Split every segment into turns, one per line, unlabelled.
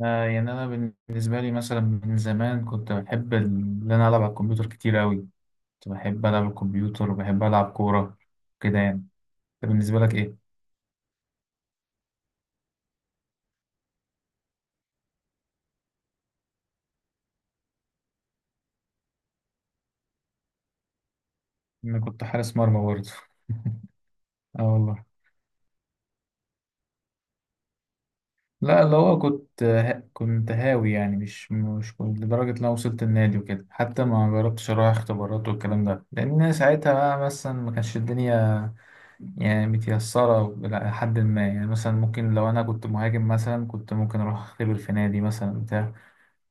أنا بالنسبة لي مثلا من زمان كنت بحب إن أنا ألعب على الكمبيوتر كتير أوي. كنت بحب ألعب على الكمبيوتر وبحب ألعب كورة كده يعني. أنت بالنسبة لك إيه؟ أنا كنت حارس مرمى برضه. آه والله. لا، اللي هو كنت هاوي، يعني مش كنت لدرجة إن أنا وصلت النادي وكده، حتى ما جربتش أروح اختبارات والكلام ده، لأن ساعتها بقى مثلا ما كانش الدنيا يعني متيسرة إلى حد ما. يعني مثلا ممكن لو أنا كنت مهاجم مثلا كنت ممكن أروح أختبر في نادي مثلا،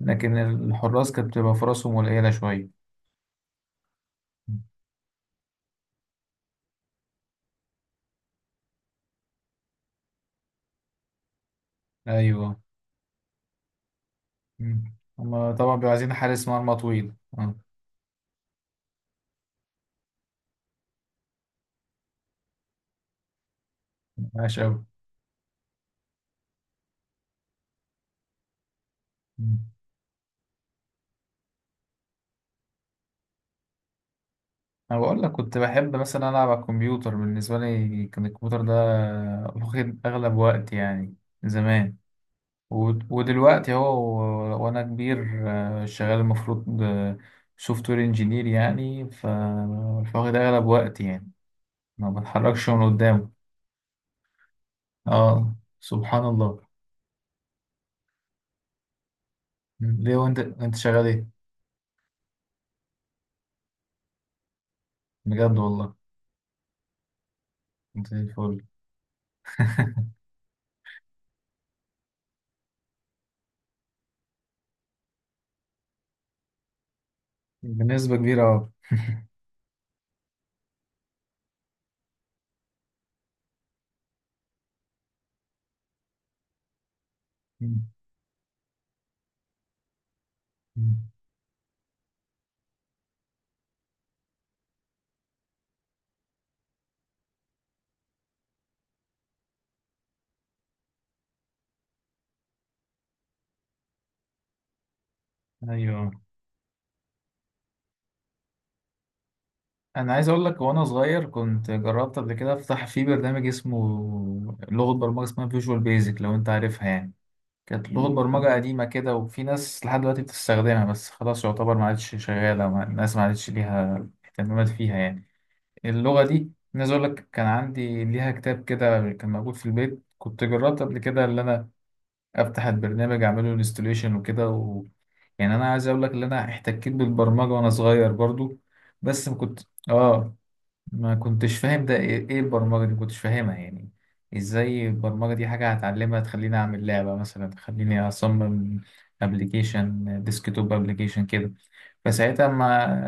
لكن الحراس كانت بتبقى فرصهم قليلة شوية. أيوه. مم. هما طبعا بيبقوا عايزين حارس مرمى طويل، اه. ماشي أوي. مم. أنا بقول لك كنت بحب مثلا ألعب على الكمبيوتر، بالنسبة لي كان الكمبيوتر ده واخد أغلب وقت يعني، زمان. ودلوقتي هو وأنا كبير، آه، شغال المفروض سوفت وير انجينير، يعني فواخد أغلب وقت يعني. ما بتحركش من قدامه، اه سبحان الله. مم. ليه؟ وأنت شغال إيه؟ بجد والله. انت زي الفل. بنسبة كبيرة أوي. مم. مم. أيوه. أنا عايز أقول لك وأنا صغير كنت جربت قبل كده أفتح في برنامج اسمه لغة برمجة، اسمها فيجوال بيزك، لو أنت عارفها يعني. كانت لغة برمجة قديمة كده، وفي ناس لحد دلوقتي بتستخدمها، بس خلاص يعتبر ما عادش شغالة، الناس ما عادش ليها اهتمامات فيها يعني، اللغة دي. أنا عايز أقول لك كان عندي ليها كتاب كده، كان موجود في البيت، كنت جربت قبل كده اللي أنا أفتح البرنامج أعمله انستوليشن وكده. يعني انا عايز اقول لك ان انا احتكيت بالبرمجه وانا صغير برضو. بس اه ما كنتش فاهم ده إيه البرمجه دي، ما كنتش فاهمها يعني. ازاي البرمجه دي حاجه هتعلمها تخليني اعمل لعبه مثلا، تخليني اصمم ابلكيشن، ديسكتوب ابلكيشن كده. فساعتها ما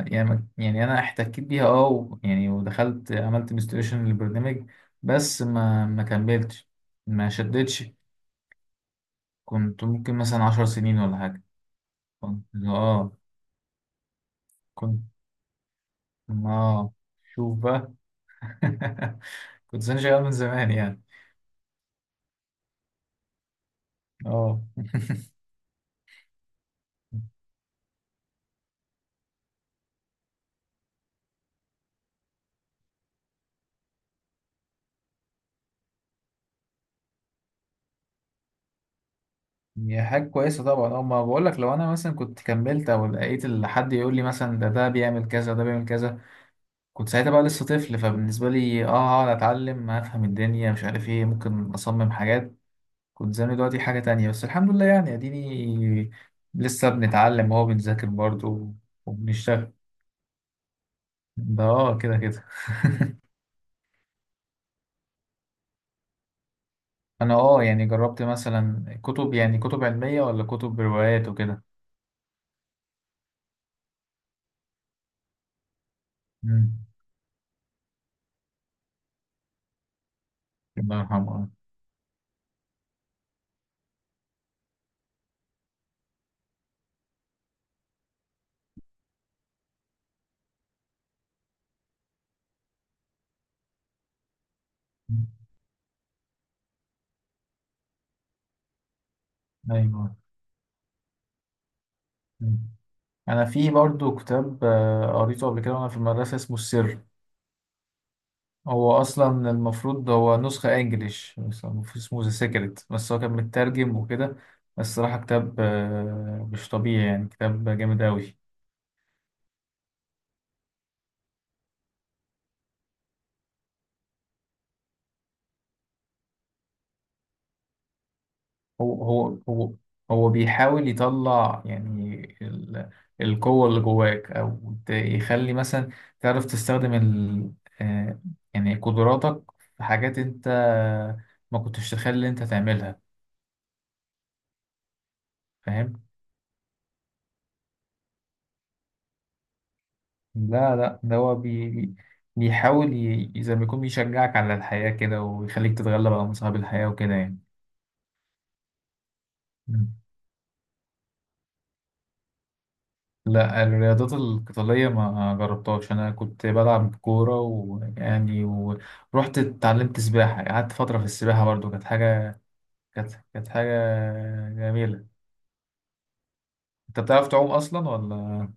يعني ما- يعني انا احتكيت بيها يعني ودخلت عملت انستليشن للبرنامج، بس ما كملتش، ما شدتش. كنت ممكن مثلا 10 سنين ولا حاجه. كنت اه اه شوف بقى. كنت سنجي من زمان يعني، اه. هي حاجة كويسة طبعا، اه. ما بقول لك لو انا مثلا كنت كملت او لقيت حد يقول لي مثلا ده بيعمل كذا، ده بيعمل كذا. كنت ساعتها بقى لسه طفل، فبالنسبة لي اه هقعد اتعلم، هفهم الدنيا مش عارف ايه، ممكن اصمم حاجات. كنت زمان دلوقتي حاجة تانية، بس الحمد لله يعني، اديني لسه بنتعلم اهو، بنذاكر برضه، وبنشتغل. ده اه كده كده. انا، اه، يعني جربت مثلا كتب، يعني كتب علمية ولا كتب روايات وكده. مم. الله يرحمه. آه. مم. ايوه. مم. انا في برضو كتاب، آه، قريته قبل كده وانا في المدرسة، اسمه السر. هو اصلا المفروض هو نسخة انجليش، بس هو المفروض اسمه ذا سيكريت، بس هو كان مترجم وكده. بس صراحة كتاب، آه، مش طبيعي يعني، كتاب جامد اوي. هو هو هو هو بيحاول يطلع يعني القوة اللي جواك، أو يخلي مثلا تعرف تستخدم ال آه، يعني قدراتك، في حاجات أنت ما كنتش تخلي أنت تعملها. فاهم؟ لا، لا، ده هو بيحاول زي ما يكون بيشجعك على الحياة كده، ويخليك تتغلب على مصاعب الحياة وكده يعني. لا، الرياضات القتالية ما جربتهاش، أنا كنت بلعب كورة ويعني، ورحت اتعلمت سباحة، قعدت فترة في السباحة برضو، كانت حاجة، كانت حاجة جميلة. أنت بتعرف تعوم أصلا ولا؟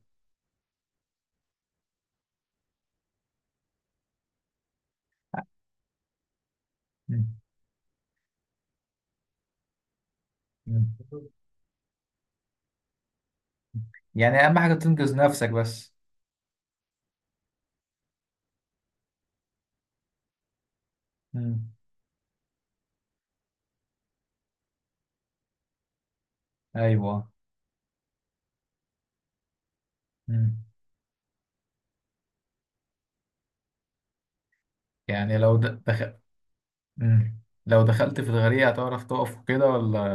مم. مم. يعني أهم حاجة تنقذ نفسك بس. مم. أيوة. مم. يعني لو دخل. مم. لو دخلت في الغريق هتعرف تقف وكده ولا؟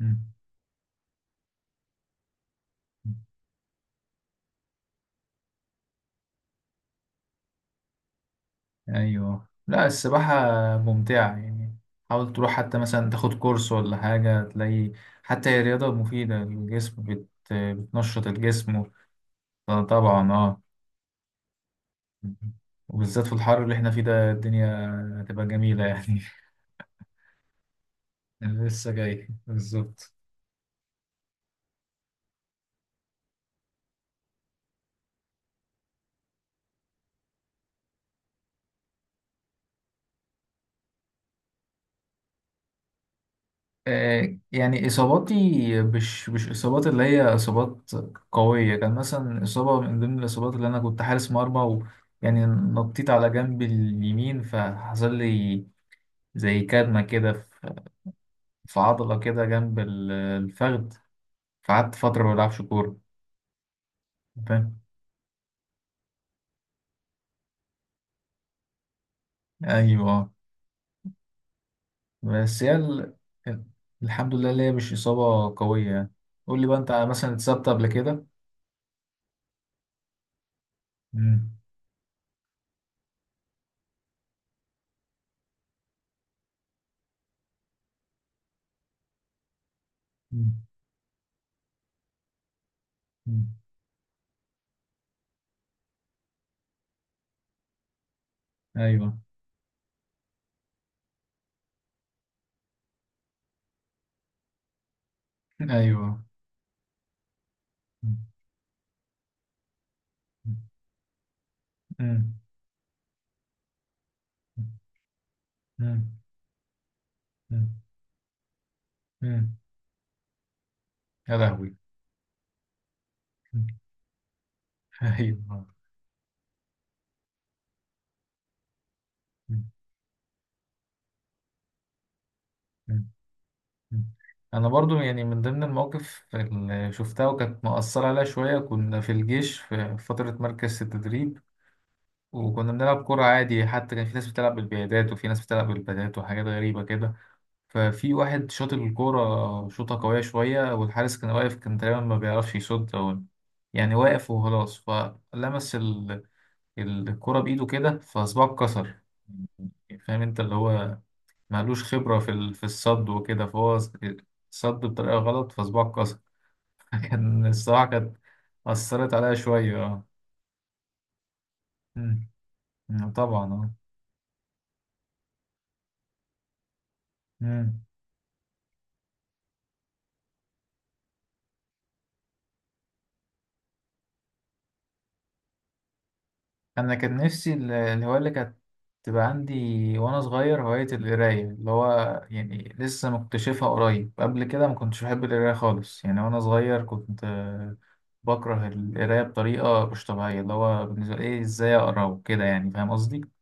مم. ايوه، لا السباحة ممتعة يعني. حاول تروح حتى مثلا تاخد كورس ولا حاجة، تلاقي حتى هي رياضة مفيدة للجسم، بتنشط الجسم. آه، طبعا اه. وبالذات في الحر اللي احنا فيه ده، الدنيا هتبقى جميلة يعني. أنا لسه جاي بالظبط. آه، يعني إصاباتي مش إصابات اللي هي إصابات قوية. كان مثلا إصابة من ضمن الإصابات، اللي أنا كنت حارس مرمى ويعني نطيت على جنب اليمين، فحصل لي زي كدمة كده في عضلة كده جنب الفخذ. فقعدت فترة ما بلعبش كورة. فاهم. أيوه. بس هي الحمد لله اللي هي مش إصابة قوية يعني. قول لي بقى، أنت مثلا اتصبت قبل كده؟ مم. مم. مم. أيوه. أيوه. مم. مم. مم. مم. مم. يا لهوي. أيوه. انا برضو يعني، من ضمن المواقف اللي شفتها وكانت مأثرة عليا شوية، كنا في الجيش في فترة مركز التدريب. وكنا بنلعب كرة عادي، حتى كان في ناس بتلعب بالبيادات وفي ناس بتلعب بالبادات وحاجات غريبة كده. ففي واحد شاط الكورة شوطة قوية شوية، والحارس كان واقف كان تقريبا ما بيعرفش يصد، أو يعني واقف وخلاص، فلمس الكرة بإيده كده، فصباعه اتكسر. فاهم انت؟ اللي هو معلوش خبرة في في الصد وكده، فهو صد بطريقة غلط، فصباعه اتكسر. كان، الصراحة كانت أثرت عليا شوية اه. مم. مم، طبعا اه. مم. أنا كان نفسي الهواية اللي كانت تبقى عندي وأنا صغير، هواية القراية، اللي هو يعني لسه مكتشفها قريب، قبل كده ما كنتش بحب القراية خالص يعني. وأنا صغير كنت، آه، بكره القراية بطريقة مش طبيعية، اللي هو بالنسبة لي إيه، إزاي أقرأ وكده يعني. فاهم قصدي؟